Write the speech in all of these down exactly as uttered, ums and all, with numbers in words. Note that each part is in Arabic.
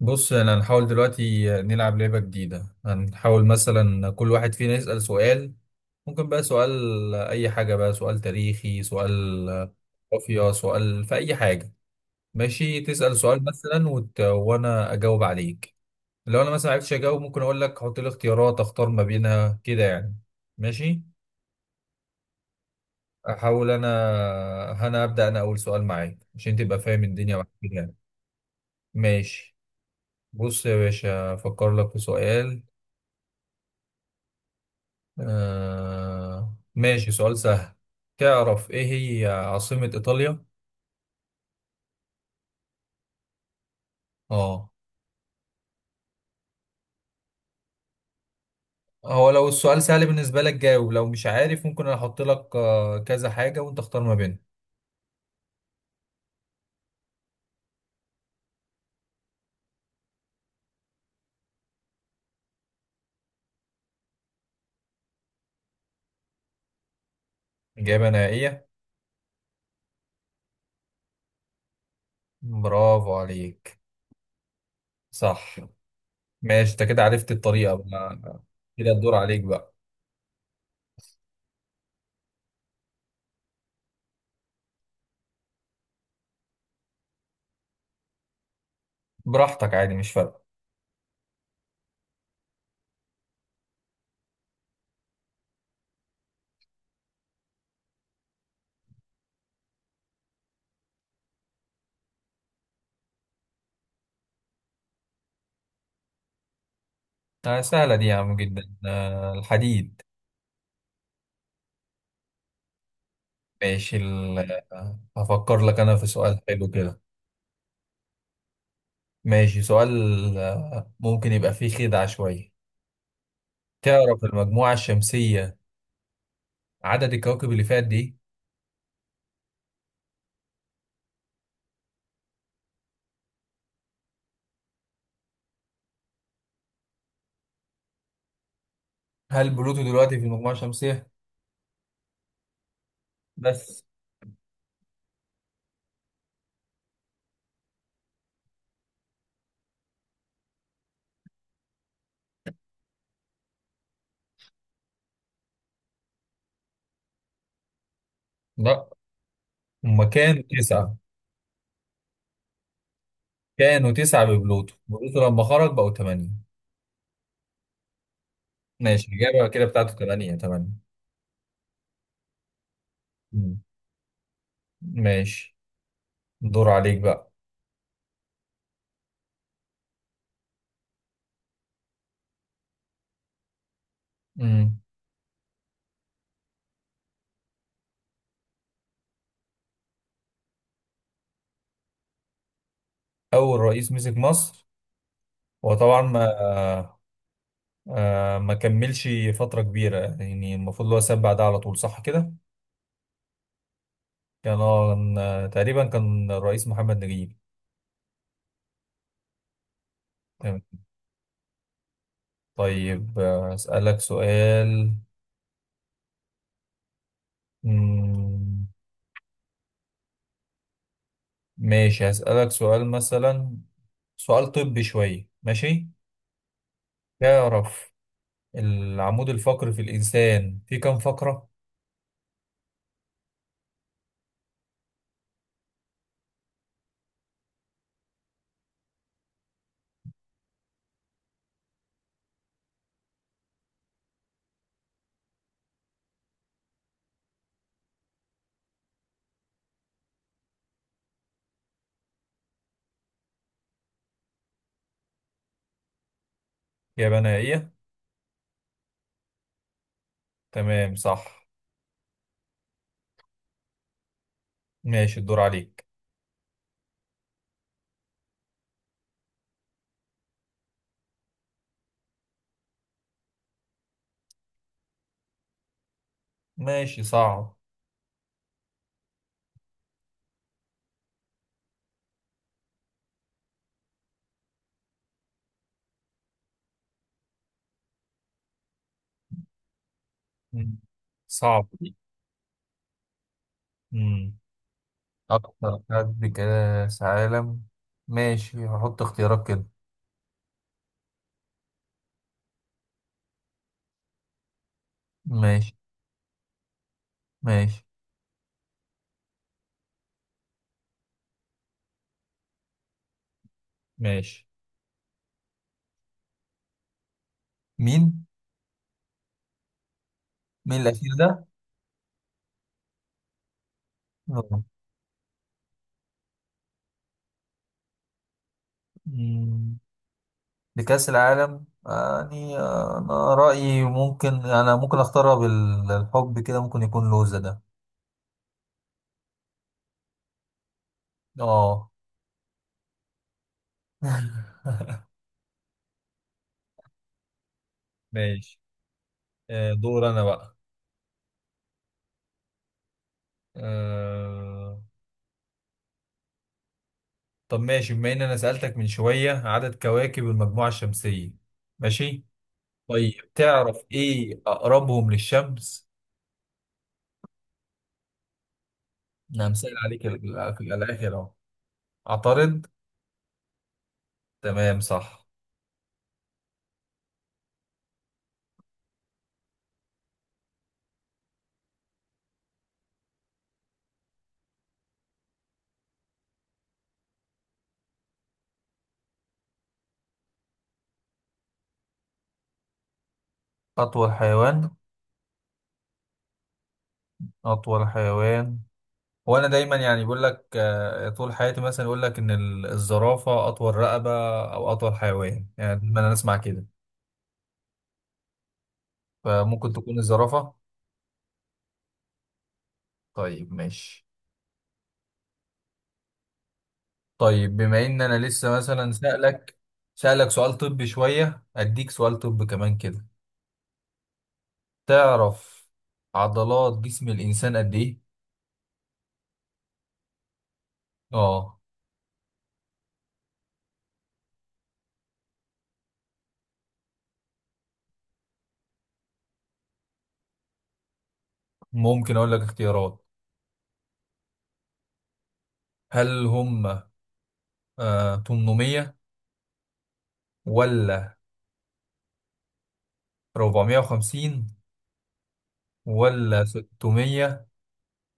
بص انا هنحاول دلوقتي نلعب لعبة جديدة. هنحاول مثلا كل واحد فينا يسأل سؤال، ممكن بقى سؤال اي حاجة، بقى سؤال تاريخي، سؤال جغرافيا، سؤال في اي حاجة. ماشي، تسأل سؤال مثلا وت... وانا اجاوب عليك. لو انا مثلا معرفتش اجاوب ممكن اقول لك حط لي اختيارات، اختار ما بينها كده يعني. ماشي احاول انا انا ابدأ انا اول سؤال معاك عشان تبقى فاهم الدنيا معاك كده يعني. ماشي بص يا باشا افكر لك في سؤال. آه ماشي سؤال سهل. تعرف ايه هي عاصمة ايطاليا؟ اه. هو لو السؤال سهل بالنسبة لك جاوب، لو مش عارف ممكن انا احط لك آه، كذا حاجة وانت اختار ما بينهم. اجابة نهائية؟ برافو عليك، صح. ماشي انت كده عرفت الطريقة بقى. كده الدور عليك بقى. براحتك، عادي مش فارقة. آه سهلة دي يا عم، جدا. آه الحديد. ماشي ال- آه، هفكر لك انا في سؤال حلو كده. ماشي سؤال. آه، ممكن يبقى فيه خدعة شوية. تعرف المجموعة الشمسية عدد الكواكب اللي فيها قد إيه؟ هل بلوتو دلوقتي في المجموعة الشمسية؟ بس. لا، هما كانوا تسعة، كانوا تسعة ببلوتو، بلوتو لما خرج بقوا تمانية. ماشي، الإجابة كده بتاعته تمانية تمانية مم. ماشي، دور عليك بقى. مم. أول رئيس مسك مصر هو طبعا ما آه ما كملش فترة كبيرة، يعني المفروض اللي هو ساب بعدها على طول، صح كده؟ كان آه، تقريبا كان الرئيس محمد نجيب. تمام. طيب آه، أسألك سؤال. مم، ماشي هسألك سؤال مثلا، سؤال طبي شوية، ماشي. تعرف العمود الفقري في الإنسان فيه كام فقرة؟ يا بنائية، تمام صح. ماشي الدور عليك. ماشي، صعب. مم، صعب دي. مم. أكتر حد كاس عالم. ماشي هحط اختيارات كده. ماشي. ماشي. ماشي. مين؟ مين الأخير ده؟ آه. مم. لكأس العالم يعني، آه، أنا رأيي، ممكن أنا ممكن أختارها بالحب كده، ممكن يكون لوزة ده. آه. ماشي. آه، دور انا بقى. آه، طب ماشي، بما ان انا سألتك من شوية عدد كواكب المجموعة الشمسية، ماشي. طيب تعرف ايه اقربهم للشمس. انا مسأل عليك ال- ال- الاخر اهو. عطارد. تمام صح. أطول حيوان. أطول حيوان. وانا دايما يعني بيقول لك، آه، طول حياتي مثلا، يقول لك ان ال- الزرافه اطول رقبه او اطول حيوان، يعني دايما انا اسمع كده. فممكن تكون الزرافه. طيب ماشي. طيب بما ان انا لسه مثلا سألك سألك سؤال طبي شويه، اديك سؤال طب كمان كده. تعرف عضلات جسم الانسان قد ايه؟ اه، ممكن اقول لك اختيارات. هل هم آه تمنمية، ولا أربعمية وخمسين، ولا ستمية،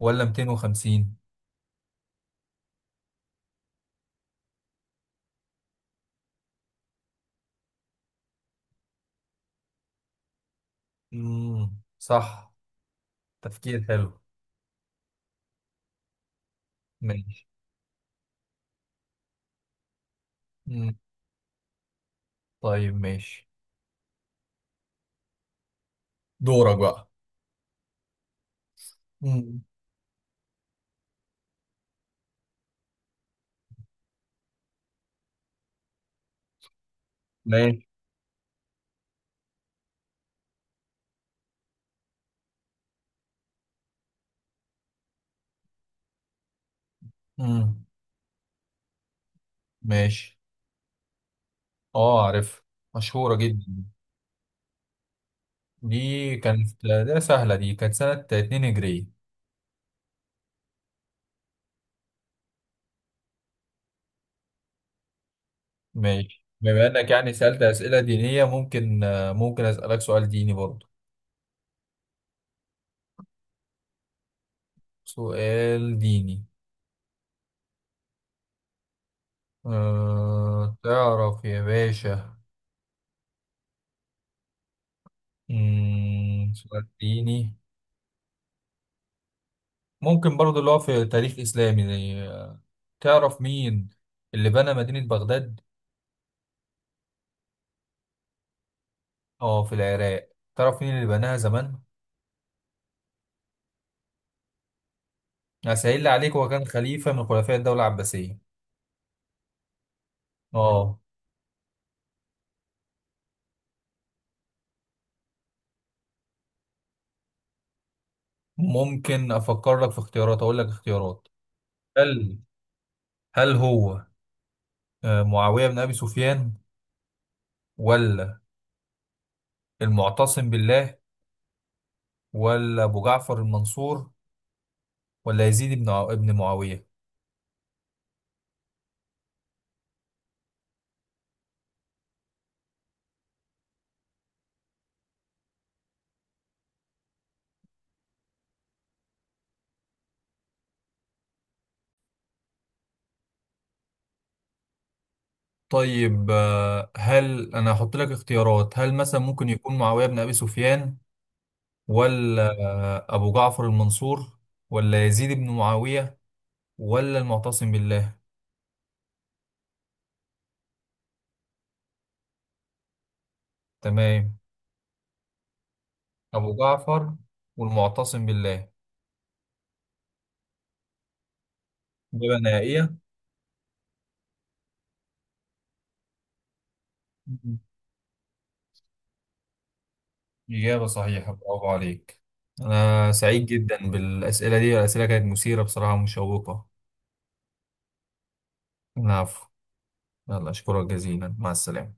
ولا ميتين وخمسين؟ امم، صح. تفكير حلو. ماشي. امم. طيب ماشي، دورك بقى. امم. ماشي. امم. ماشي. اه عارف، مشهورة جدا. دي كانت، ده سهلة دي، كانت سنة اتنين هجري. ماشي، بما انك يعني سألت أسئلة دينية، ممكن آه، ممكن أسألك سؤال ديني برضه. سؤال ديني. أه تعرف يا باشا. مم. سؤال ديني. ممكن برضو اللي هو في تاريخ إسلامي، زي آه، تعرف مين اللي بنى مدينة بغداد؟ اه في العراق، تعرف مين اللي بناها زمان؟ هسهل عليك، هو كان خليفة من خلفاء الدولة العباسية. اه، ممكن أفكر لك في اختيارات، أقول لك اختيارات. هل هل هو آه، معاوية بن أبي سفيان، ولا المعتصم بالله، ولا أبو جعفر المنصور، ولا يزيد بن عو- ابن معاوية؟ طيب آه، هل انا هحط لك اختيارات، هل مثلا ممكن يكون معاوية بن ابي سفيان، ولا أبو جعفر المنصور، ولا يزيد بن معاوية، ولا المعتصم بالله؟ تمام. أبو جعفر والمعتصم بالله. إجابة نهائية؟ مم. إجابة صحيحة، برافو عليك. أنا سعيد جدا بالأسئلة دي، الأسئلة كانت مثيرة بصراحة ومشوقة. العفو. يلا أشكرك جزيلا، مع السلامة.